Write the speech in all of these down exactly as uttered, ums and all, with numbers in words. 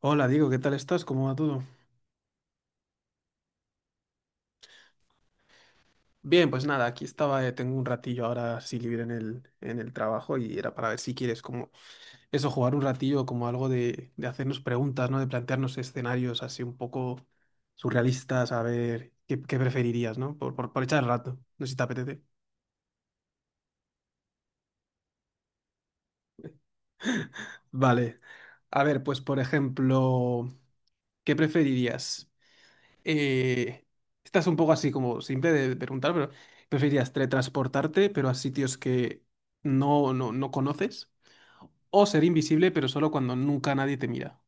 Hola, Diego, ¿qué tal estás? ¿Cómo va todo? Bien, pues nada, aquí estaba, eh, tengo un ratillo ahora sí libre en el, en el trabajo y era para ver si quieres como eso, jugar un ratillo como algo de, de hacernos preguntas, ¿no? De plantearnos escenarios así un poco surrealistas, a ver qué, qué preferirías, ¿no? Por, por, por echar el rato, no sé si te apetece. Vale, a ver, pues por ejemplo, ¿qué preferirías? eh, Estás un poco así como simple de preguntar, pero ¿preferirías teletransportarte, pero a sitios que no, no, no conoces? ¿O ser invisible, pero solo cuando nunca nadie te mira?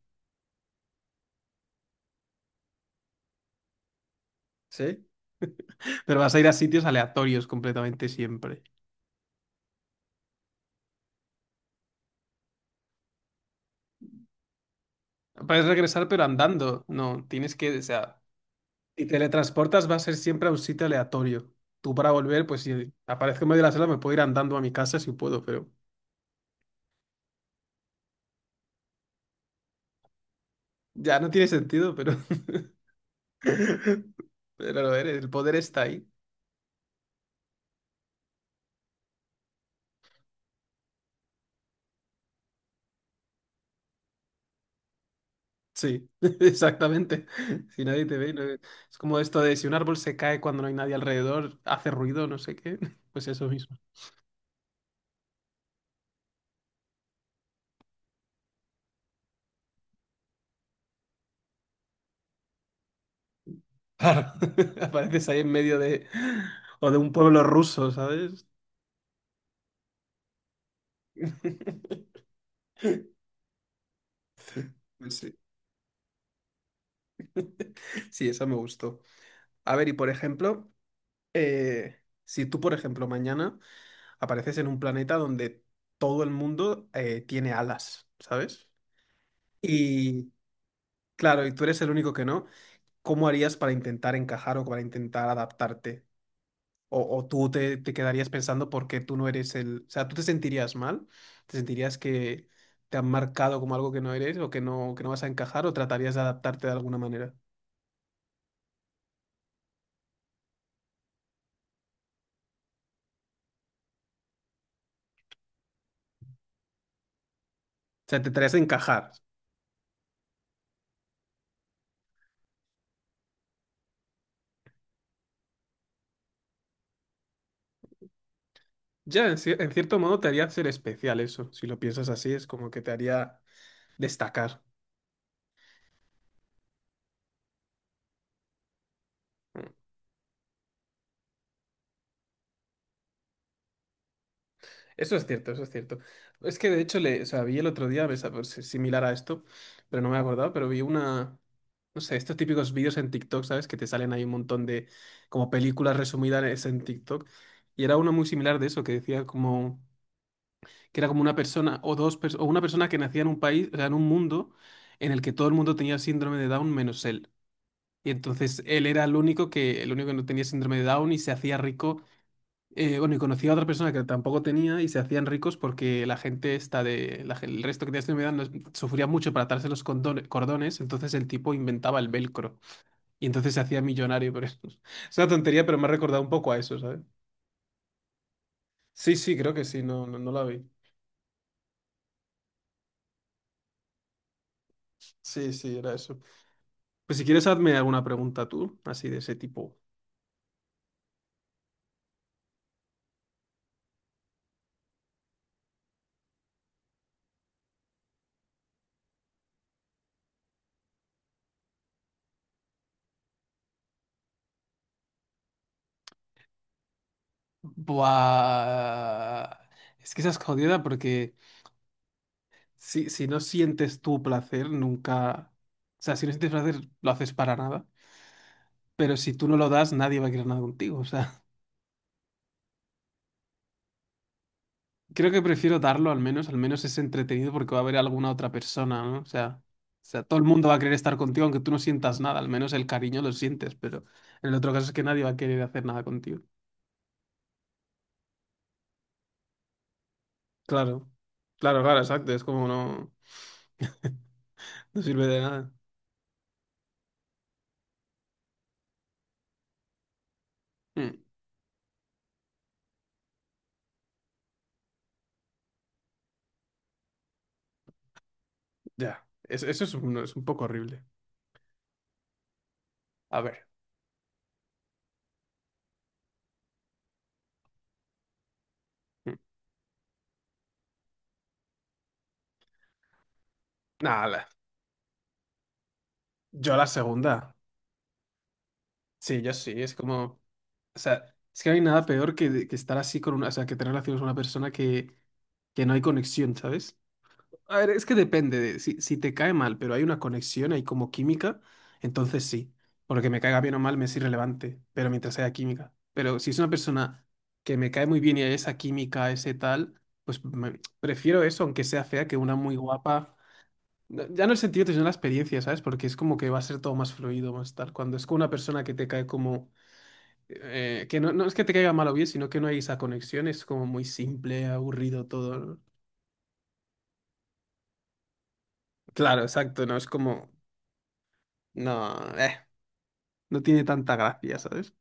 ¿Sí? Pero vas a ir a sitios aleatorios completamente siempre. Puedes regresar, pero andando. No, tienes que, o sea, si teletransportas va a ser siempre a un sitio aleatorio. Tú para volver, pues si aparezco en medio de la sala, me puedo ir andando a mi casa si puedo, pero ya no tiene sentido, pero... Pero lo eres, el poder está ahí. Sí, exactamente. Si nadie te ve, no- es como esto de si un árbol se cae cuando no hay nadie alrededor, hace ruido, no sé qué. Pues eso mismo. Claro, apareces ahí en medio de... o de un pueblo ruso, ¿sabes? Pues sí, sí, esa me gustó. A ver, y por ejemplo, eh, si tú, por ejemplo, mañana apareces en un planeta donde todo el mundo eh, tiene alas, ¿sabes? Y claro, y tú eres el único que no, ¿cómo harías para intentar encajar o para intentar adaptarte? O, o tú te, te quedarías pensando por qué tú no eres el... O sea, ¿tú te sentirías mal? ¿Te sentirías que te han marcado como algo que no eres o que no, que no vas a encajar o tratarías de adaptarte de alguna manera? O sea, te tratarías de encajar. Ya, en, cier- en cierto modo te haría ser especial eso. Si lo piensas así, es como que te haría destacar. Eso es cierto, eso es cierto. Es que de hecho le, o sea, vi el otro día, me sa- pues, similar a esto, pero no me he acordado, pero vi una... no sé, estos típicos vídeos en TikTok, ¿sabes? Que te salen ahí un montón de como películas resumidas en TikTok. Y era uno muy similar de eso, que decía como que era como una persona o dos pers- o una persona que nacía en un país, o sea, en un mundo en el que todo el mundo tenía síndrome de Down menos él. Y entonces él era el único que el único que no tenía síndrome de Down y se hacía rico. Eh, bueno, y conocía a otra persona que tampoco tenía y se hacían ricos porque la gente está de la gen- el resto que tenía síndrome de Down no- sufría mucho para atarse los condone- cordones, entonces el tipo inventaba el velcro. Y entonces se hacía millonario por eso. Es una tontería, pero me ha recordado un poco a eso, ¿sabes? Sí, sí, creo que sí, no, no, no la vi. Sí, sí, era eso. Pues si quieres, hazme alguna pregunta tú, así de ese tipo. Buah. Es que esa es jodida porque si, si no sientes tu placer, nunca. O sea, si no sientes placer, lo haces para nada. Pero si tú no lo das, nadie va a querer nada contigo. O sea, creo que prefiero darlo al menos, al menos es entretenido porque va a haber alguna otra persona, ¿no? O sea, o sea, todo el mundo va a querer estar contigo aunque tú no sientas nada, al menos el cariño lo sientes, pero en el otro caso es que nadie va a querer hacer nada contigo. Claro, claro, claro, exacto, es como no, no sirve de nada. Mm, ya, Es- eso es un, es un poco horrible. A ver, mm, nada, la- yo la segunda, sí, yo sí, es como, o sea, es que no hay nada peor que, que estar así con una, o sea, que tener relaciones con una persona que, que no hay conexión, ¿sabes? A ver, es que depende de si, si te cae mal, pero hay una conexión, hay como química, entonces sí. Porque me caiga bien o mal me es irrelevante, pero mientras haya química. Pero si es una persona que me cae muy bien y hay esa química, ese tal, pues me- prefiero eso, aunque sea fea, que una muy guapa. No- Ya no el sentido, sino la experiencia, ¿sabes? Porque es como que va a ser todo más fluido, más tal. Cuando es con una persona que te cae como... eh, que no, no es que te caiga mal o bien, sino que no hay esa conexión, es como muy simple, aburrido todo. ¿No? Claro, exacto, no es como no, eh, no tiene tanta gracia, ¿sabes?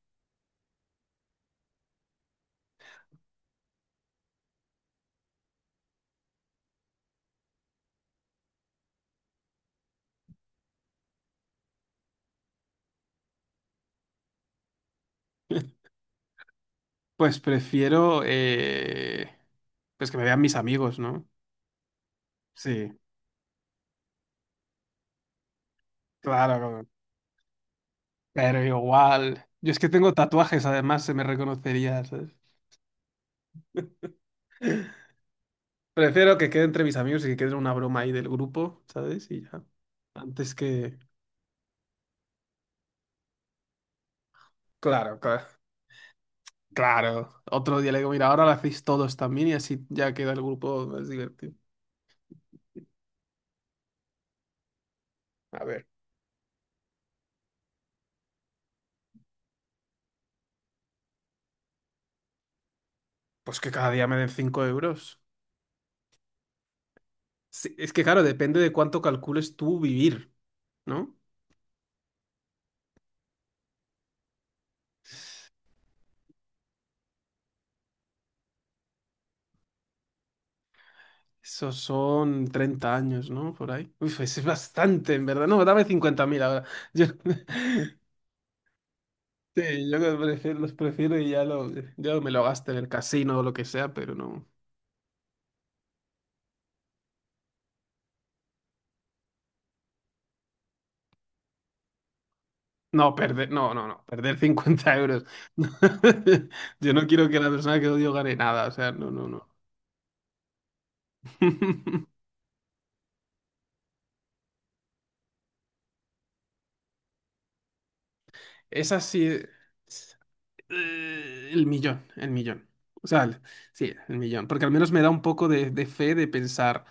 Pues prefiero eh, pues que me vean mis amigos, ¿no? Sí, claro, como- pero igual. Yo es que tengo tatuajes, además se me reconocería, ¿sabes? Prefiero que quede entre mis amigos y que quede una broma ahí del grupo, ¿sabes? Y ya. Antes que. Claro, claro. Claro. Otro día le digo, mira, ahora lo hacéis todos también y así ya queda el grupo más divertido. A ver, pues que cada día me den cinco euros. Sí, es que claro, depende de cuánto calcules tú vivir, ¿no? Esos son treinta años, ¿no? Por ahí. Uf, es bastante, en verdad. No, dame cincuenta mil ahora. Yo, sí, yo los prefiero, los prefiero y ya, lo, ya me lo gasto en el casino o lo que sea, pero no. No, perder, no, no, no, perder cincuenta euros. Yo no quiero que la persona que odio gane nada, o sea, no, no, no. Es así. Eh, El millón, el millón. O sea, el- sí, el millón. Porque al menos me da un poco de, de fe de pensar,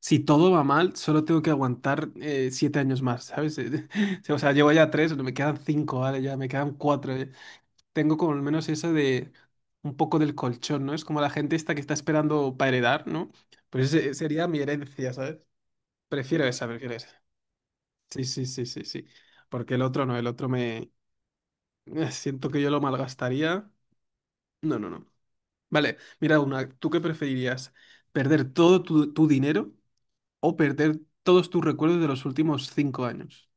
si todo va mal, solo tengo que aguantar eh, siete años más, ¿sabes? Eh, O sea, llevo ya tres, me quedan cinco, ¿vale? Ya me quedan cuatro. eh. Tengo como al menos eso de un poco del colchón, ¿no? Es como la gente esta que está esperando para heredar, ¿no? Pues ese sería mi herencia, ¿sabes? Prefiero esa, prefiero esa. Sí, sí, sí, sí, sí. Porque el otro no, el otro me... eh, siento que yo lo malgastaría. No, no, no. Vale, mira una, ¿tú qué preferirías? ¿Perder todo tu, tu dinero o perder todos tus recuerdos de los últimos cinco años?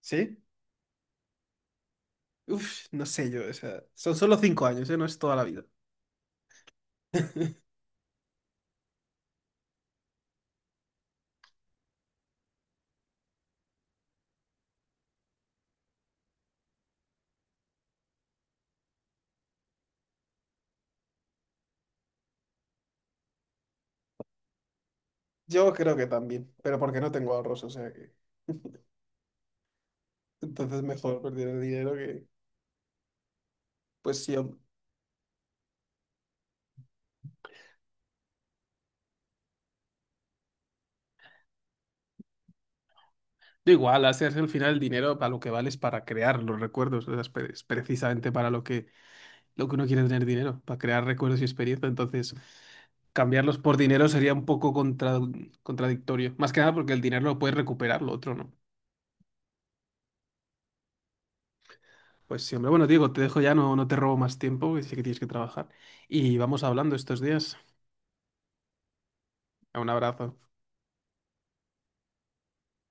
¿Sí? Uf, no sé yo, o sea, son solo cinco años, ¿eh? No es toda la vida. Yo creo que también, pero porque no tengo ahorros, o sea que. Entonces mejor perder el dinero que. Pues sí, hombre. Da igual, hacerse al final el dinero para lo que vale es para crear los recuerdos, o sea, es pre- es precisamente para lo que lo que uno quiere es tener dinero para crear recuerdos y experiencia. Entonces, cambiarlos por dinero sería un poco contra- contradictorio. Más que nada porque el dinero lo puedes recuperar, lo otro no. Pues sí, hombre, bueno, Diego, te dejo ya, no, no te robo más tiempo, que sé que tienes que trabajar. Y vamos hablando estos días. Un abrazo.